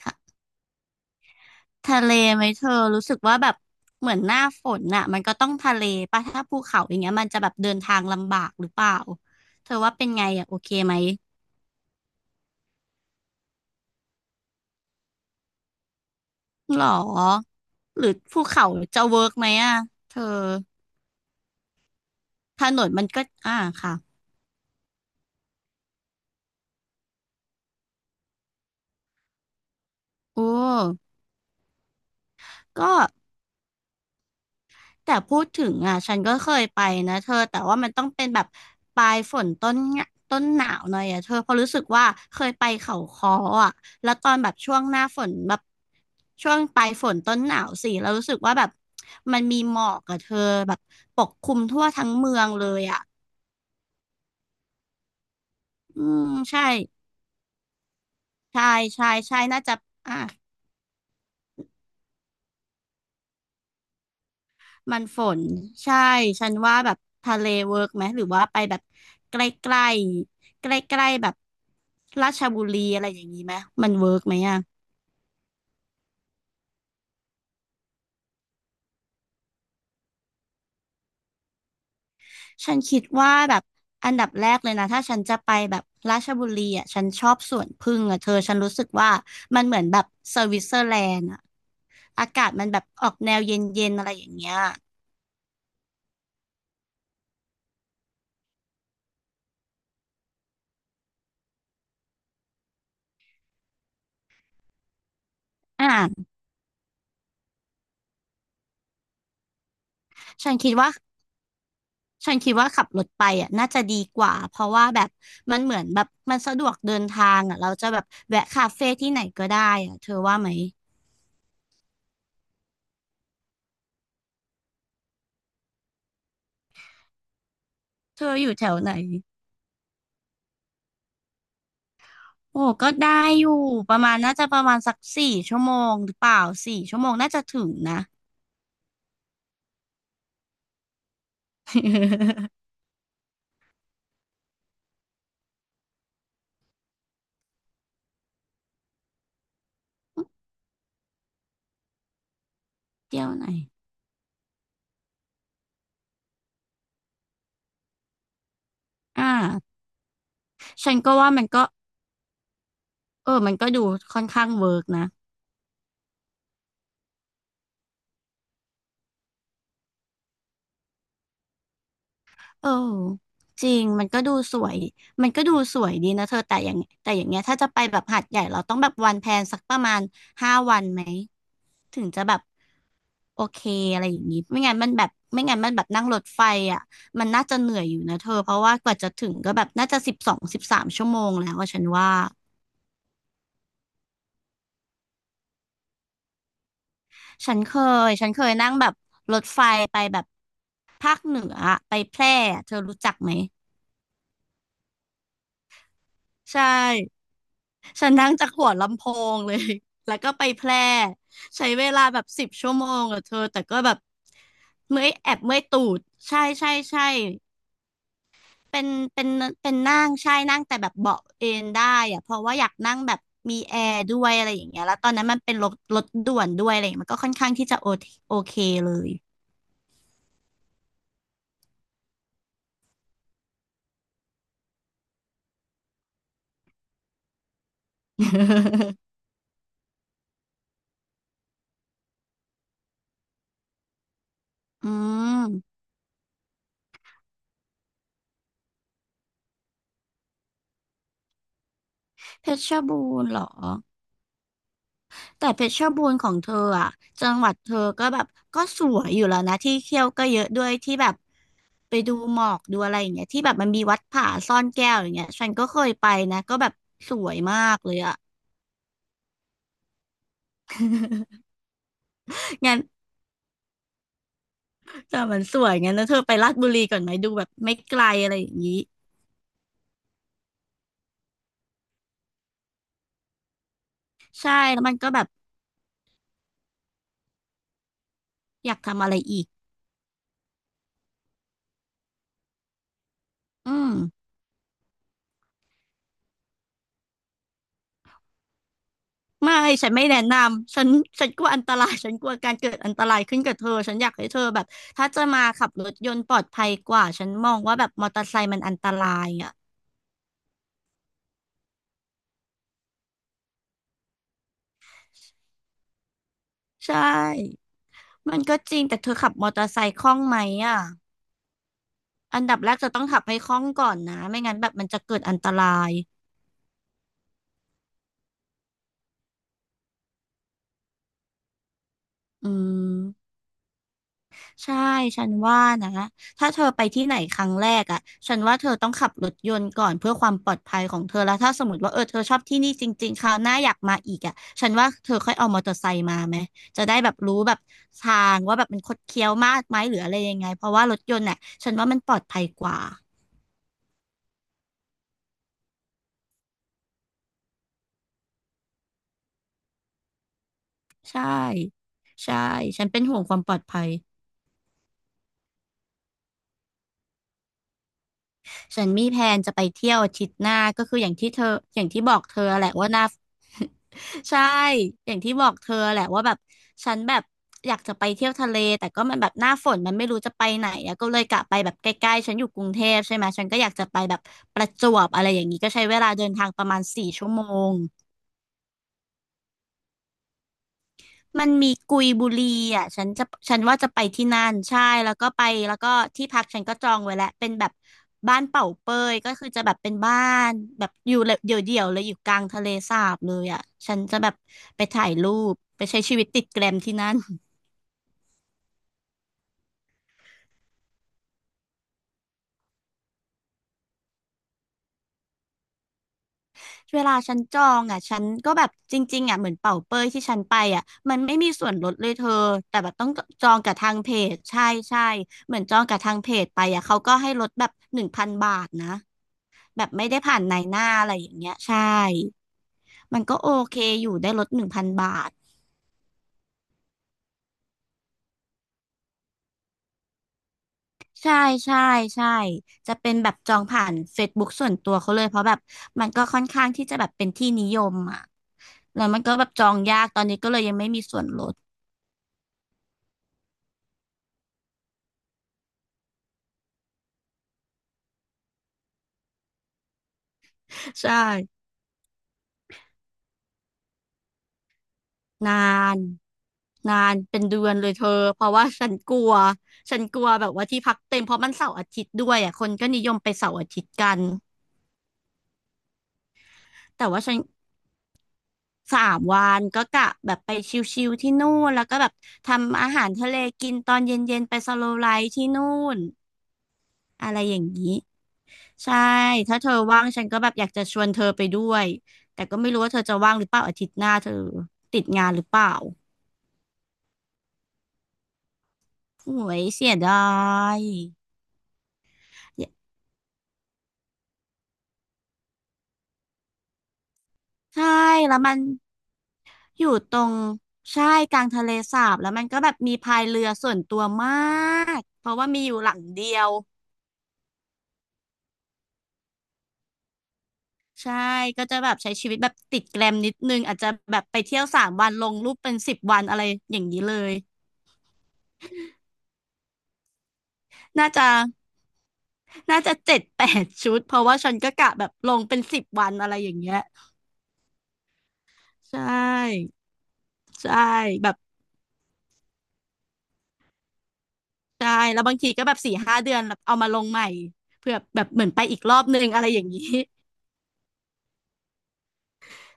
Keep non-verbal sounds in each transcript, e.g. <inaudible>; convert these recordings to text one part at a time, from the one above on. ทะทะเลไหมเธอรู้สึกว่าแบบเหมือนหน้าฝนน่ะมันก็ต้องทะเลป่ะถ้าภูเขาอย่างเงี้ยมันจะแบบเดินทางลำบากหรือเปล่าเธอว่าเป็นไงอ่ะโอเคไหมหรอหรือภูเขาจะเวิร์กไหมอ่ะเธอถนนมันก็อ่าค่ะโอ้ก็ แต่พูดถึงอ่ะฉันก็เคยไปนะเธอแต่ว่ามันต้องเป็นแบบปลายฝนต้นเนี่ยต้นหนาวหน่อยอ่ะเธอเพราะรู้สึกว่าเคยไปเขาค้ออ่ะแล้วตอนแบบช่วงหน้าฝนแบบช่วงปลายฝนต้นหนาวสิแล้วรู้สึกว่าแบบมันมีหมอกกับเธอแบบปกคลุมทั่วทั้งเมืองเลยอ่ะอืมใช่ใช่ใช่ใช่น่าจะอ่า มันฝนใช่ฉันว่าแบบทะเลเวิร์กไหมหรือว่าไปแบบใกล้ๆใกล้ๆแบบราชบุรีอะไรอย่างนี้ไหมมันเวิร์กไหมอ่ะฉันคิดว่าแบบอันดับแรกเลยนะถ้าฉันจะไปแบบราชบุรีอ่ะฉันชอบสวนผึ้งอ่ะเธอฉันรู้สึกว่ามันเหมือนแบบสวิตเซอร์แลนด์อ่ะอากาศมันแบบออกแนวเย็นๆอะไรอย่างเงี้ยอ่าฉันคิดว่า ฉันคิดว่าขับรถไปอ่ะน่าจะดีกว่าเพราะว่าแบบมันเหมือนแบบมันสะดวกเดินทางอ่ะเราจะแบบแวะคาเฟ่ที่ไหนก็ได้อ่ะเธอว่าไหมเธออยู่แถวไหนโอ้ก็ได้อยู่ประมาณน่าจะประมาณสักสี่ชั่วโมงหรือเปล่าสี่ชั่วโมงน่าจะถึงนะ <laughs> เที่ยวไหนอ่าฉันก็ว่ามันก็เออมันก็ดูค่อนข้างเวิร์กนะ เออจริงมันก็ดูสวยมันก็ดูสวยดีนะเธอแต่อย่างเงี้ยถ้าจะไปแบบหาดใหญ่เราต้องแบบวันแพลนสักประมาณ5 วันไหมถึงจะแบบโอเคอะไรอย่างงี้ไม่งั้นมันแบบไม่งั้นมันแบบนั่งรถไฟอ่ะมันน่าจะเหนื่อยอยู่นะเธอเพราะว่ากว่าจะถึงก็แบบน่าจะ12 13 ชั่วโมงแล้วอะฉันว่าฉันเคฉันเคยนั่งแบบรถไฟไปแบบภาคเหนืออะไปแพร่อะเธอรู้จักไหมใช่ ฉันนั่งจากหัวลำโพงเลย <laughs> แล้วก็ไปแพร่ใช้เวลาแบบ10 ชั่วโมงอะเธอ แต่ก็แบบเมื่อยแอบเมื่อยตูด ใช่ใช่ใช่เป็นเป็นเป็นนั่งใช่นั่งแต่แบบเบาะเอนได้อะเพราะว่าอยากนั่งแบบมีแอร์ด้วยอะไรอย่างเงี้ยแล้วตอนนั้นมันเป็นรถด่วนด้วยอะไรอย่างเงี้ยมันก็ค่อนข้างที่จะโอเคโอเคเลยอืมเพชรบูรณ์เหรอ แต่เพชรบูรณ์ของเธออ่ะจังหวัดเธอก็แบบก็สวยอยู่แล้วนะที่เที่ยวก็เยอะด้วยที่แบบ ไปดูหมอกดูอะไรอย่างเงี้ยที่แบบมันมีวัดผาซ่อนแก้วอย่างเงี้ยฉันก็เคยไปนะก็แบบสวยมากเลยอะ <laughs> งั้นแต่มันสวยงั้นนะเธอไปลาดบุรีก่อนไหมดูแบบไม่ไกลอะไรอย่างนี้ใช่แล้วมันก็แบบอยากทำอะไรอีกอืมไม่ฉันไม่แนะนำฉันฉันกลัวอันตรายฉันกลัวการเกิดอันตรายขึ้นกับเธอฉันอยากให้เธอแบบถ้าจะมาขับรถยนต์ปลอดภัยกว่าฉันมองว่าแบบมอเตอร์ไซค์มันอันตรายอ่ะใช่มันก็จริงแต่เธอขับมอเตอร์ไซค์คล่องไหมอ่ะ อันดับแรกจะต้องขับให้คล่องก่อนนะไม่งั้นแบบมันจะเกิดอันตรายอืมใช่ฉันว่านะถ้าเธอไปที่ไหนครั้งแรกอ่ะฉันว่าเธอต้องขับรถยนต์ก่อนเพื่อความปลอดภัยของเธอแล้วถ้าสมมติว่าเออเธอชอบที่นี่จริงๆคราวหน้าอยากมาอีกอ่ะฉันว่าเธอค่อยเอามอเตอร์ไซค์มาไหมจะได้แบบรู้แบบทางว่าแบบมันคดเคี้ยวมากไหมหรืออะไรยังไงเพราะว่ารถยนต์เน่ะฉันว่ามันปลอดภัยกว่าใช่ใช่ฉันเป็นห่วงความปลอดภัย ฉันมีแพลนจะไปเที่ยวอาทิตย์หน้าก็คืออย่างที่เธออย่างที่บอกเธอแหละว่าหน้า <laughs> ใช่อย่างที่บอกเธอแหละว่าแบบฉันแบบอยากจะไปเที่ยวทะเลแต่ก็มันแบบหน้าฝนมันไม่รู้จะไปไหนอะก็เลยกะไปแบบใกล้ๆฉันอยู่กรุงเทพใช่ไหมฉันก็อยากจะไปแบบประจวบอะไรอย่างนี้ก็ใช้เวลาเดินทางประมาณสี่ชั่วโมง มันมีกุยบุรีอ่ะฉันว่าจะไปที่นั่น ใช่ แล้วก็ไปแล้วก็ที่พักฉันก็จองไว้แล้วเป็นแบบบ้านเป่าเปยก็คือจะแบบเป็นบ้านแบบอยู่เลยเดี่ยวเดี่ยวเลยอยู่กลางทะเลสาบเลยอ่ะฉันจะแบบไปถ่ายรูป ไปใช้ชีวิตติดแกรมที่นั่น <laughs> เวลาฉันจองอ่ะฉันก็แบบจริงๆอ่ะเหมือนเป่าเปยที่ฉันไปอ่ะมันไม่มีส่วนลดเลยเธอ แต่แบบต้องจองกับทางเพจใช่ใช่เหมือนจองกับทางเพจไปอ่ะเขาก็ให้ลดแบบหนึ่งพันบาทนะ แบบไม่ได้ผ่านนายหน้าอะไรอย่างเงี้ยใช่ มันก็โอเคอยู่ได้ลดหนึ่งพันบาทใช่ใช่ใช่จะเป็นแบบจองผ่านเฟซบุ๊กส่วนตัวเขาเลยเพราะแบบมันก็ค่อนข้างที่จะแบบเป็นที่นิยมอ่ะแล้วมันก็แบบจองยากตอนไม่มีส่วนลดใช่นานนานเป็นเดือนเลยเธอเพราะว่าฉันกลัวแบบว่าที่พักเต็มเพราะมันเสาร์อาทิตย์ด้วยอ่ะคนก็นิยมไปเสาร์อาทิตย์กันแต่ว่าฉัน สามวันก็กะแบบไปชิลๆที่นู่นแล้วก็แบบทำอาหารทะเลกินตอนเย็นๆไปสโลว์ไลฟ์ที่นู่นอะไรอย่างนี้ใช่ถ้าเธอว่างฉันก็แบบอยากจะชวนเธอไปด้วยแต่ก็ไม่รู้ว่าเธอจะว่างหรือเปล่าอาทิตย์หน้าเธอติดงานหรือเปล่าโอ้ยเสียดายใช่แล้วมันอยู่ตรงใช่กลางทะเลสาบแล้วมันก็แบบมีพายเรือส่วนตัวมากเพราะว่ามีอยู่หลังเดียว ใช่ก็จะแบบใช้ชีวิตแบบติดแกรมนิดนึงอาจจะแบบไปเที่ยวสามวันลงรูปเป็นสิบวันอะไรอย่างนี้เลยน่าจะน่าจะ7-8 ชุดเพราะว่าฉันก็กะแบบลงเป็นสิบวันอะไรอย่างเงี้ยใช่ใช่แบบใช่แล้วบางทีก็แบบ4-5 เดือนแบบเอามาลงใหม่เพื่อแบบเหมือนไปอีกรอบนึงอะไรอย่างนี้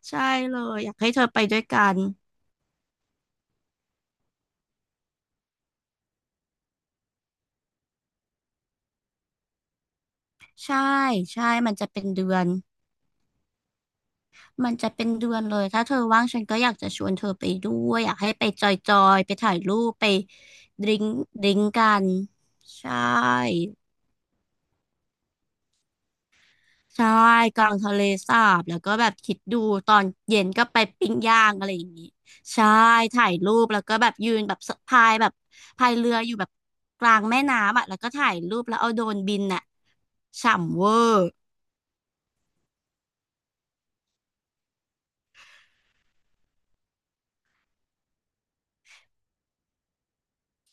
ใช่เลยอยากให้เธอไปด้วยกันใช่ใช่มันจะเป็นเดือน มันจะเป็นเดือนเลยถ้าเธอว่างฉันก็อยากจะชวนเธอไปด้วย อยากให้ไปจอยๆไปถ่ายรูป ไปดริงดริงกันใช่ใช่กลางทะเลสาบ แล้วก็แบบคิดดูตอนเย็นก็ไปปิ้งย่างอะไรอย่างนี้ใช่ถ่ายรูปแล้วก็แบบยืนแบบสะพายแบบพายเรืออยู่แบบกลางแม่น้ำอ่ะแล้วก็ถ่ายรูปแล้วเอาโดรนบินอ่ะฉ่ำเวอร์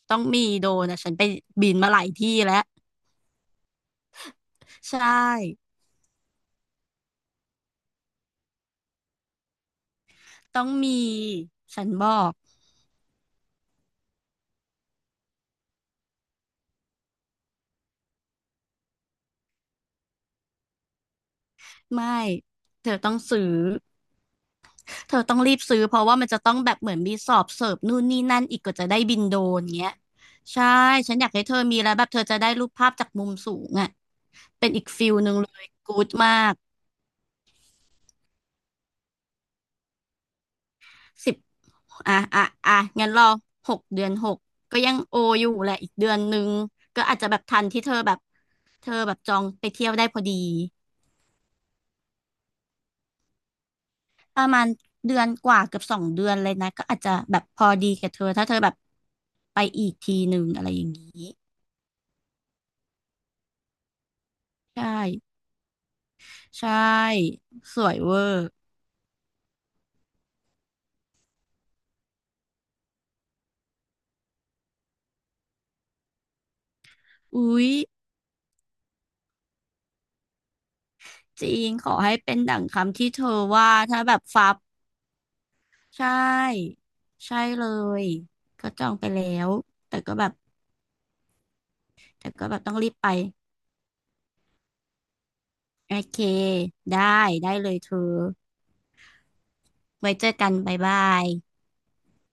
ต้องมีโดรนอ่ะฉันไปบินมาหลายที่แล้ว ใช่ ต้องมี ฉันบอก ไม่ เธอต้องซื้อเธอต้องรีบซื้อเพราะว่ามันจะต้องแบบเหมือนมีสอบเสิร์ฟนู่นนี่นั่นอีกกว่าจะได้บินโดรนเงี้ย ใช่ ฉันอยากให้เธอมีแล้วแบบเธอจะได้รูปภาพจากมุมสูงอ่ะเป็นอีกฟิลหนึ่งเลยกู๊ดมากสิบอ่ะอ่ะอ่ะงั้นรอหกเดือนหกก็ยังโออยู่แหละอีกเดือนนึงก็อาจจะแบบทันที่เธอแบบเธอแบบจองไปเที่ยวได้พอดีประมาณเดือนกว่าเกือบ2 เดือนเลยนะก็อาจจะแบบพอดีกับเธอถ้าเธอแบบ ไปอีกทีหนึ่งอะไรอย่างนี้ใช่ใช่สวยเวอร์อุ๊ยจริงขอให้เป็นดั่งคำที่เธอว่าถ้าแบบฟับใช่ใช่เลยก็จองไปแล้วแต่ก็แบบแต่ก็แบบต้องรีบไปโอเคได้ได้เลยเธอไว้เจอกันบ๊ายบาย